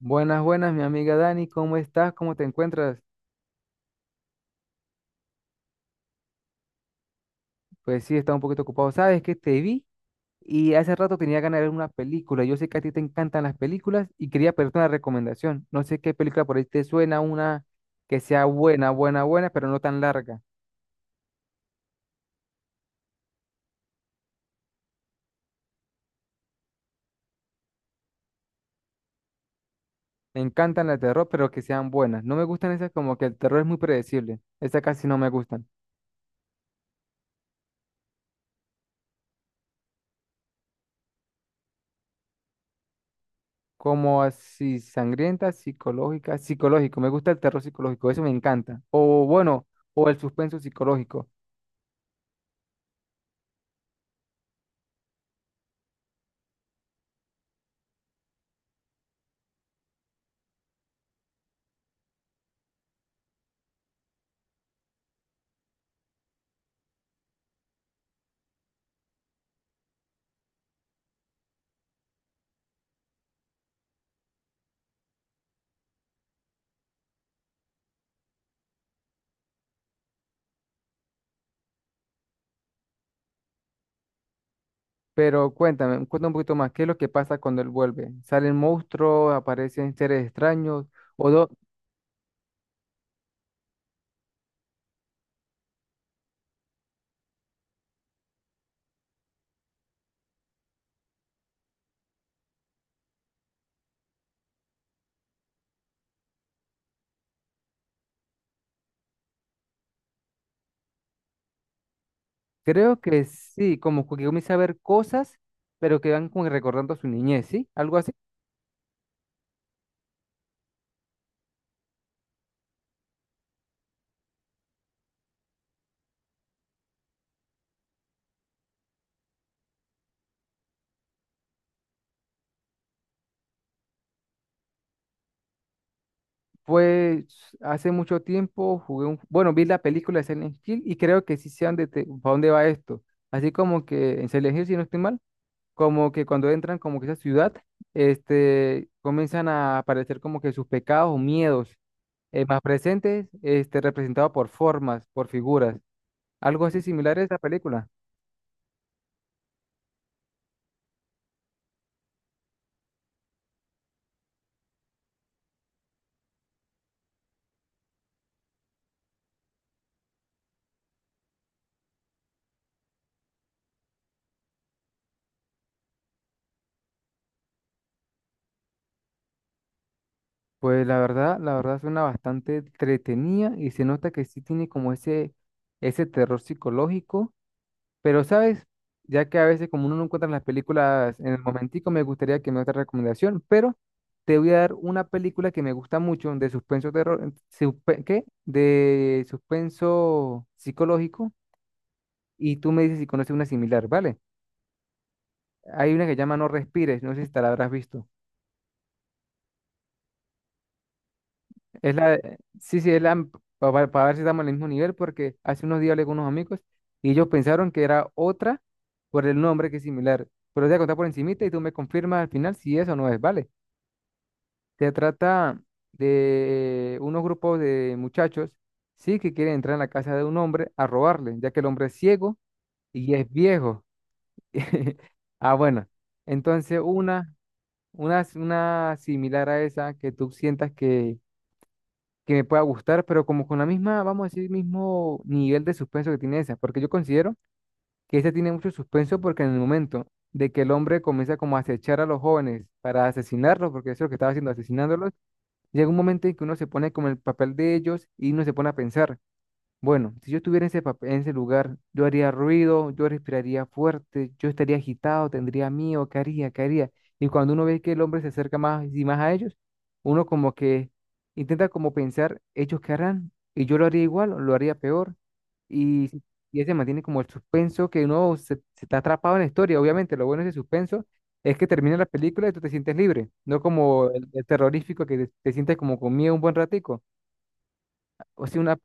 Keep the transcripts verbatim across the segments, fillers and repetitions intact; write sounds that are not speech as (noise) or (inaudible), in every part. Buenas, buenas, mi amiga Dani, ¿cómo estás? ¿Cómo te encuentras? Pues sí, estaba un poquito ocupado. Sabes que te vi y hace rato tenía ganas de ver una película. Yo sé que a ti te encantan las películas y quería pedirte una recomendación. No sé qué película por ahí te suena, una que sea buena, buena, buena, pero no tan larga. Me encantan las de terror, pero que sean buenas. No me gustan esas como que el terror es muy predecible. Esas casi no me gustan. Como así sangrientas, psicológicas, psicológico. Me gusta el terror psicológico, eso me encanta. O bueno, o el suspenso psicológico. Pero cuéntame, cuéntame un poquito más, ¿qué es lo que pasa cuando él vuelve? ¿Salen monstruos, aparecen seres extraños? O do- Creo que sí, como que comienza a ver cosas, pero que van como que recordando su niñez, ¿sí? Algo así. Pues hace mucho tiempo jugué un, bueno, vi la película de Silent Hill y creo que sí sé a dónde, te- pa' dónde va esto. Así como que en Silent Hill, si no estoy mal, como que cuando entran como que esa ciudad, este, comienzan a aparecer como que sus pecados o miedos eh, más presentes, este, representados por formas, por figuras, algo así similar a esa película. Pues la verdad, la verdad suena bastante entretenida y se nota que sí tiene como ese, ese terror psicológico. Pero, ¿sabes? Ya que a veces como uno no encuentra las películas en el momentico, me gustaría que me otra recomendación, pero te voy a dar una película que me gusta mucho de suspenso terror, suspe- ¿qué? De suspenso psicológico y tú me dices si conoces una similar, ¿vale? Hay una que llama No respires, no sé si te la habrás visto. Es la, de- sí, sí, es la, para, para ver si estamos en el mismo nivel, porque hace unos días hablé con unos amigos y ellos pensaron que era otra por el nombre que es similar. Pero te voy a contar por encimita y tú me confirmas al final si eso no es, ¿vale? Se trata de unos grupos de muchachos, sí, que quieren entrar en la casa de un hombre a robarle, ya que el hombre es ciego y es viejo. (laughs) Ah, bueno. Entonces, una, una, una similar a esa que tú sientas que que me pueda gustar, pero como con la misma, vamos a decir, mismo nivel de suspenso que tiene esa, porque yo considero que esa tiene mucho suspenso porque en el momento de que el hombre comienza como a acechar a los jóvenes para asesinarlos, porque eso es lo que estaba haciendo, asesinándolos, llega un momento en que uno se pone como en el papel de ellos y uno se pone a pensar. Bueno, si yo estuviera en ese, pap- en ese lugar, yo haría ruido, yo respiraría fuerte, yo estaría agitado, tendría miedo, ¿qué haría? ¿Qué haría? Y cuando uno ve que el hombre se acerca más y más a ellos, uno como que intenta como pensar, ellos qué harán, y yo lo haría igual, o lo haría peor, y, y ese mantiene como el suspenso que uno se, se está atrapado en la historia. Obviamente, lo bueno de ese suspenso es que termina la película y tú te sientes libre, no como el, el terrorífico que te, te sientes como con miedo un buen ratico. O sea, una,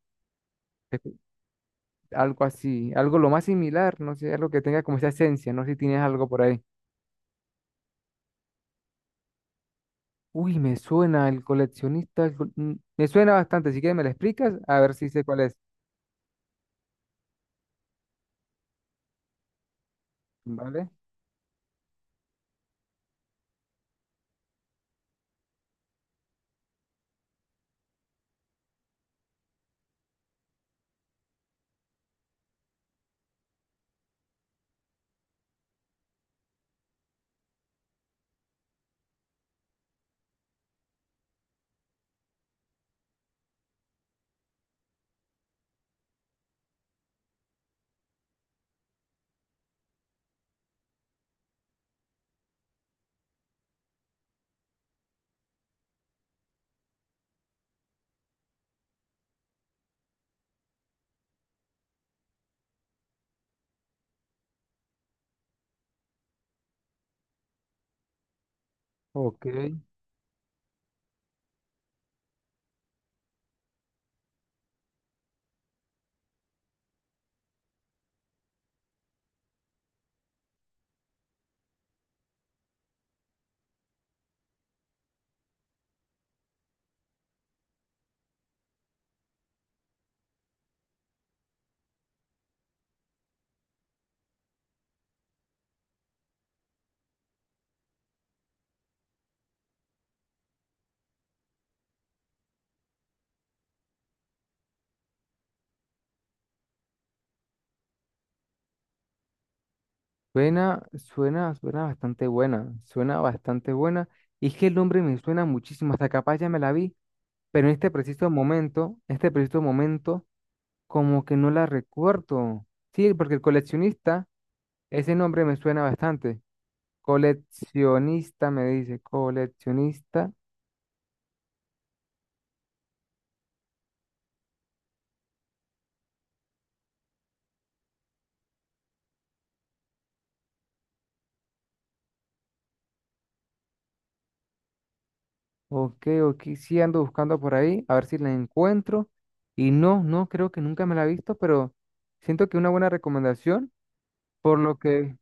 algo así, algo lo más similar, no sé, algo que tenga como esa esencia, no sé si tienes algo por ahí. Uy, me suena el coleccionista, el col- mm, me suena bastante, si quieres me lo explicas, a ver si sé cuál es, ¿vale? Ok, suena, suena, suena bastante buena, suena bastante buena, y es que el nombre me suena muchísimo, hasta capaz ya me la vi, pero en este preciso momento, en este preciso momento, como que no la recuerdo. Sí, porque el coleccionista, ese nombre me suena bastante. Coleccionista, me dice, coleccionista. Ok, ok, sí ando buscando por ahí, a ver si la encuentro. Y no, no, creo que nunca me la he visto, pero siento que una buena recomendación, por lo que…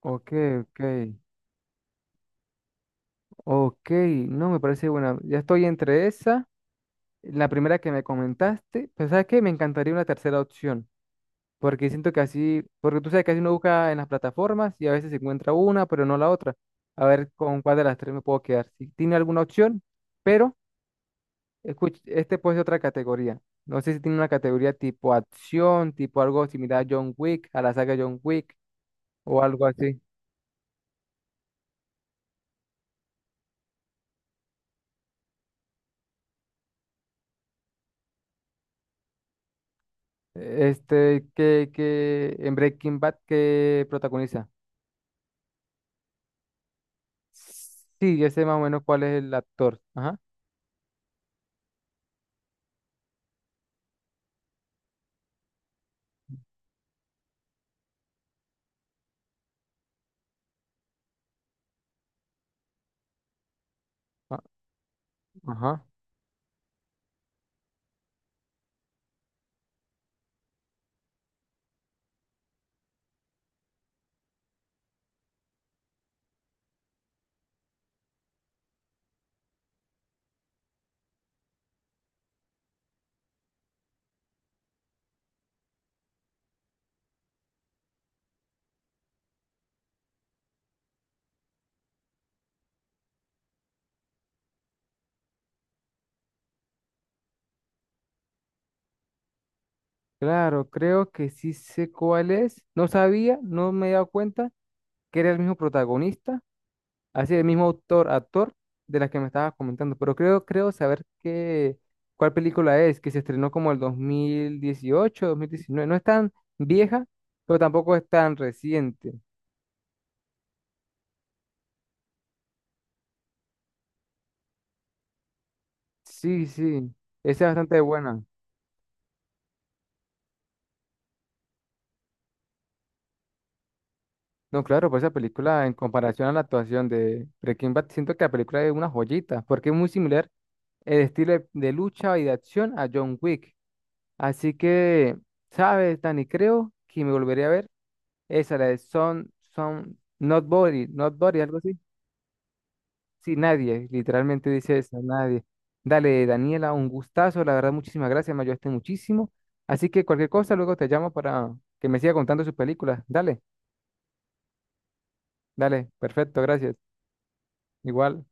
Ok, ok, ok, no, me parece buena. Ya estoy entre esa, la primera que me comentaste, pero ¿sabes qué? Me encantaría una tercera opción. Porque siento que así, porque tú sabes que así uno busca en las plataformas y a veces se encuentra una, pero no la otra. A ver con cuál de las tres me puedo quedar. Si tiene alguna opción, pero escuche, este puede ser otra categoría. No sé si tiene una categoría tipo acción, tipo algo similar a John Wick, a la saga John Wick o algo así. Este, que, que en Breaking Bad que protagoniza. Sí, ya sé más o menos cuál es el actor. Ajá. a- Ajá. Claro, creo que sí sé cuál es. No sabía, no me he dado cuenta que era el mismo protagonista, así el mismo autor, actor de la que me estabas comentando, pero creo, creo saber qué, cuál película es, que se estrenó como el dos mil dieciocho, dos mil diecinueve. No es tan vieja, pero tampoco es tan reciente. Sí, sí, esa es bastante buena. No, claro, por esa película, en comparación a la actuación de Breaking Bad, siento que la película es una joyita, porque es muy similar el estilo de, de lucha y de acción a John Wick. Así que, ¿sabes, Dani? Creo que me volvería a ver esa, la de Son, Son, Not Body, Not Body, algo así. Sí, nadie, literalmente dice eso, nadie. Dale, Daniela, un gustazo, la verdad, muchísimas gracias, me ayudaste muchísimo. Así que cualquier cosa, luego te llamo para que me siga contando sus películas. Dale, dale, perfecto, gracias. Igual.